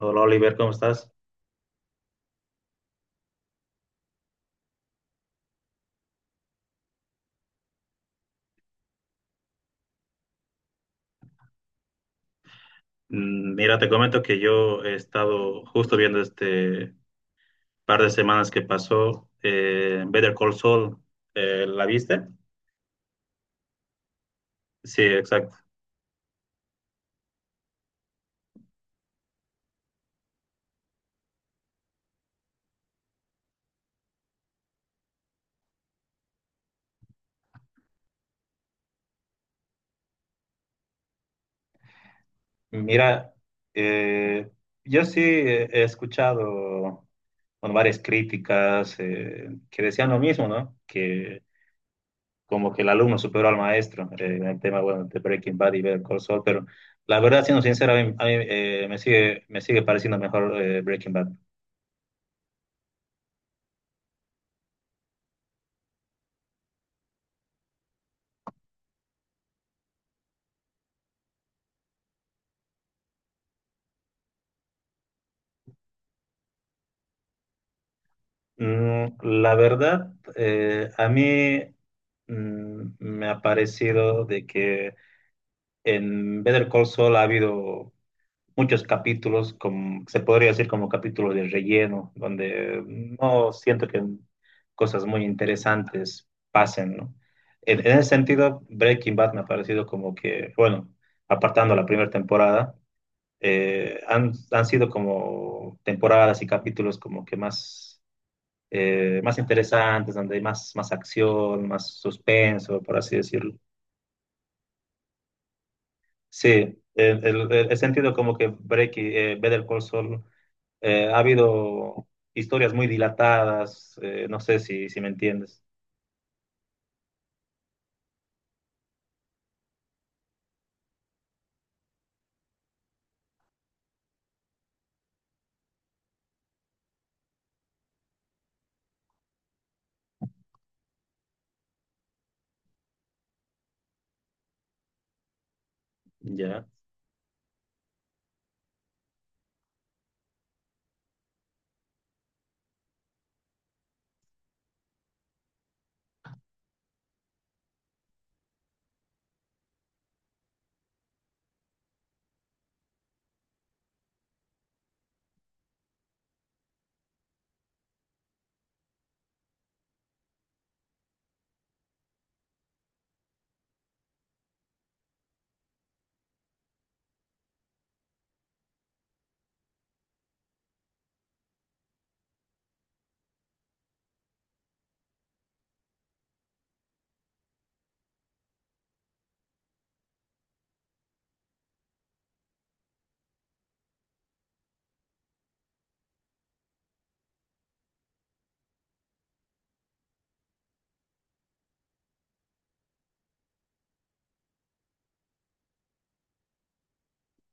Hola Oliver, ¿cómo estás? Mira, te comento que yo he estado justo viendo este par de semanas que pasó Better Call Saul. ¿La viste? Sí, exacto. Mira, eh, yo sí he escuchado bueno, varias críticas que decían lo mismo, ¿no? Que como que el alumno superó al maestro en el tema, bueno, de Breaking Bad y Better Call Saul, pero la verdad, siendo sincero, a mí, me sigue pareciendo mejor Breaking Bad. La verdad, a mí me ha parecido de que en Better Call Saul ha habido muchos capítulos, como, se podría decir como capítulos de relleno, donde no siento que cosas muy interesantes pasen, ¿no? En ese sentido, Breaking Bad me ha parecido como que, bueno, apartando la primera temporada, han sido como temporadas y capítulos como que más más interesantes, donde hay más, más acción, más suspenso, por así decirlo. Sí, he sentido como que Better Call Saul, ha habido historias muy dilatadas, no sé si, si me entiendes. Ya.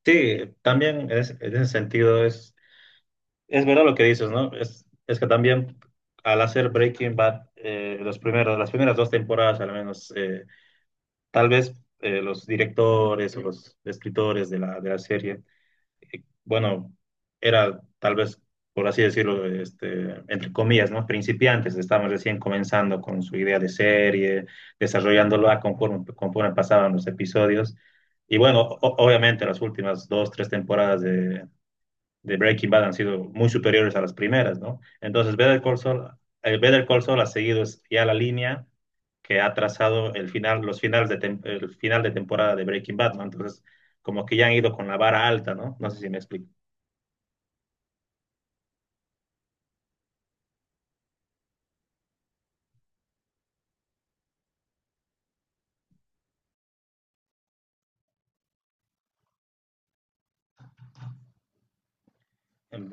Sí, también es, en ese sentido es verdad lo que dices, ¿no? Es que también al hacer Breaking Bad, los primeros, las primeras dos temporadas al menos, tal vez, los directores o los escritores de la serie bueno, era tal vez, por así decirlo, este, entre comillas, ¿no? Principiantes, estaban recién comenzando con su idea de serie, desarrollándola conforme, conforme pasaban los episodios. Y bueno, obviamente las últimas dos, tres temporadas de Breaking Bad han sido muy superiores a las primeras, ¿no? Entonces, Better Call Saul, Better Call Saul ha seguido ya la línea que ha trazado el final, los finales el final de temporada de Breaking Bad, ¿no? Entonces, como que ya han ido con la vara alta, ¿no? No sé si me explico.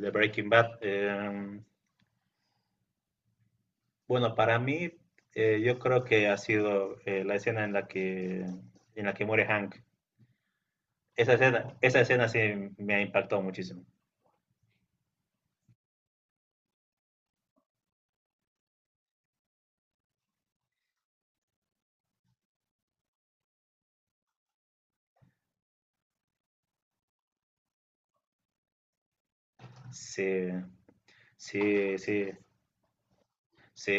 De Breaking Bad, bueno, para mí, yo creo que ha sido la escena en la que muere Hank. Esa escena sí me ha impactado muchísimo. Sí, sí, sí. Sí,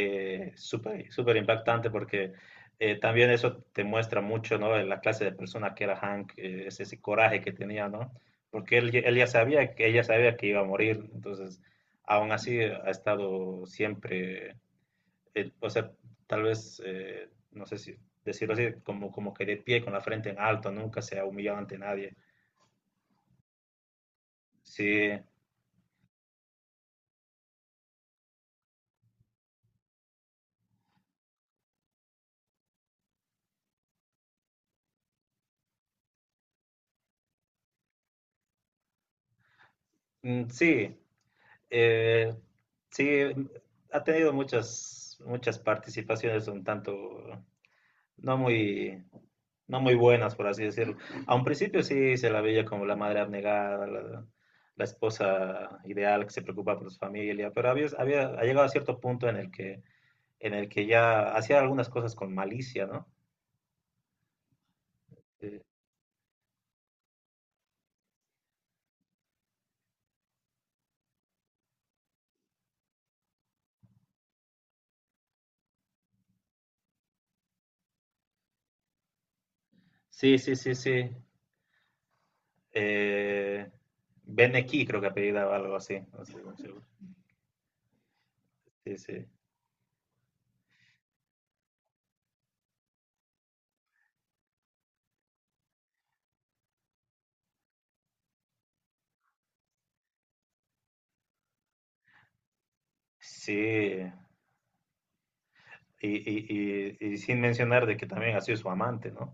súper, súper impactante porque también eso te muestra mucho, ¿no? La clase de persona que era Hank, ese, ese coraje que tenía, ¿no? Porque él, él ya sabía que ella sabía que iba a morir, entonces, aún así ha estado siempre, o sea, tal vez, no sé si decirlo así, como, como que de pie con la frente en alto, nunca se ha humillado ante nadie. Sí, sí, eh, sí, ha tenido muchas, muchas participaciones un tanto no muy, no muy buenas, por así decirlo. A un principio sí se la veía como la madre abnegada, la esposa ideal que se preocupa por su familia, pero había, ha llegado a cierto punto en el que ya hacía algunas cosas con malicia, ¿no? Eh, sí, sí, sí, sí. Eh, Beneki creo que apellida o algo así. No sé, no sé. Sí, sí. Sí, y sin mencionar de que también ha sido su amante, ¿no?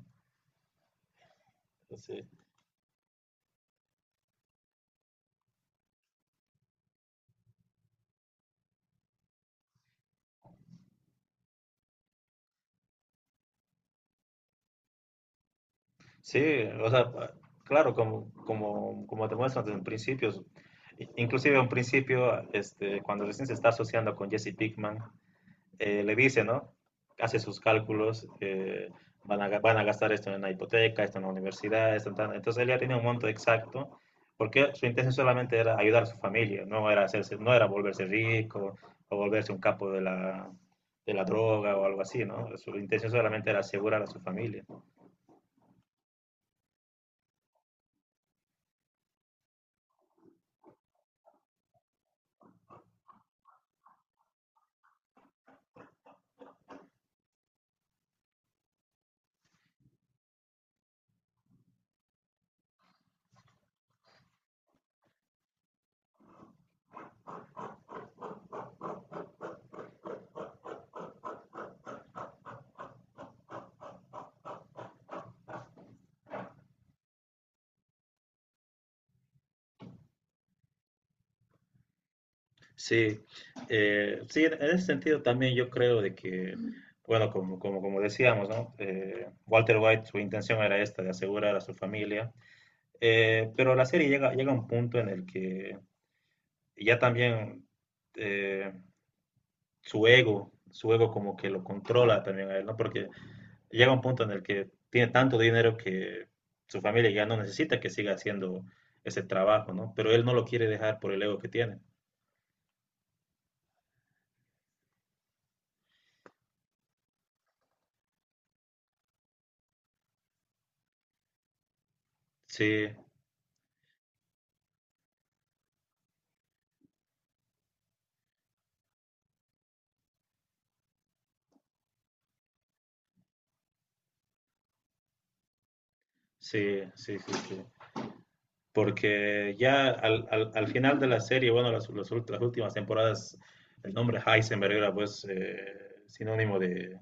Sí. Sí, o sea, claro, como, como, como te muestran desde un principio, inclusive en un principio, este, cuando recién se está asociando con Jesse Pickman, le dice, ¿no? Hace sus cálculos, van a gastar esto en la hipoteca, esto en la universidad, esto en tal. Entonces él ya tenía un monto exacto, porque su intención solamente era ayudar a su familia, no era hacerse, no era volverse rico o volverse un capo de la droga o algo así, ¿no? Su intención solamente era asegurar a su familia. Sí, sí, en ese sentido también yo creo de que, bueno, como, como, como decíamos, ¿no? Walter White, su intención era esta, de asegurar a su familia. Pero la serie llega, llega a un punto en el que ya también eh, su ego como que lo controla también a él, ¿no? Porque llega un punto en el que tiene tanto dinero que su familia ya no necesita que siga haciendo ese trabajo, ¿no? Pero él no lo quiere dejar por el ego que tiene. Sí, sí, sí, sí, sí. Porque ya al final de la serie, bueno, las últimas temporadas, el nombre Heisenberg era pues sinónimo de,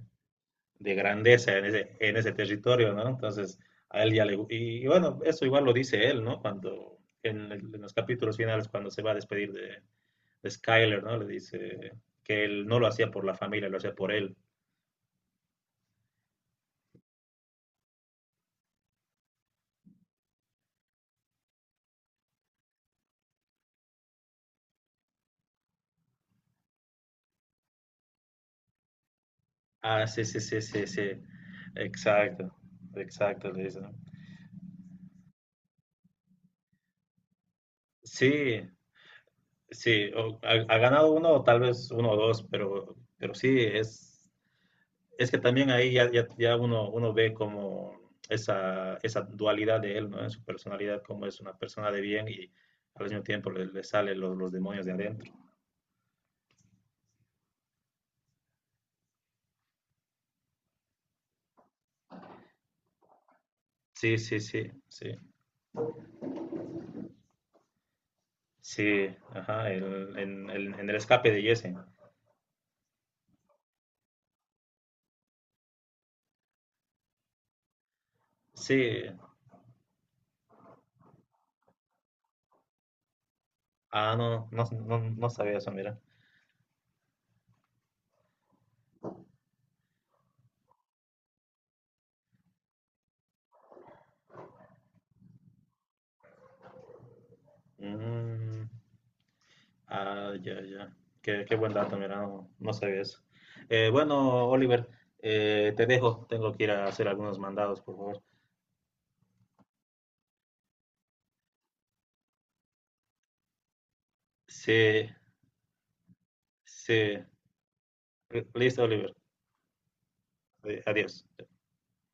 de, grandeza en ese territorio, ¿no? Entonces, a él ya le... Y, y bueno, eso igual lo dice él, ¿no? Cuando en los capítulos finales, cuando se va a despedir de Skyler, ¿no? Le dice que él no lo hacía por la familia, lo hacía por él. Ah, sí, sí, sí, sí, sí. Exacto, exacto, le dice. ¿No? Sí. Sí, ha, ha ganado uno o tal vez uno o dos, pero sí, es que también ahí ya, ya, ya uno, uno ve como esa dualidad de él, ¿no? En su personalidad, como es una persona de bien y al mismo tiempo le, le salen los demonios de adentro. Sí, sí, sí, sí. Sí, ajá, en el escape de Jesse. Sí, ah, no, no, no, no sabía eso, mira. Mm. Ah, ya, ya. Qué, qué buen dato, mira, no, no sabía eso. Bueno, Oliver, te dejo, tengo que ir a hacer algunos mandados, por favor. Sí, sí. Listo, Oliver. Adiós.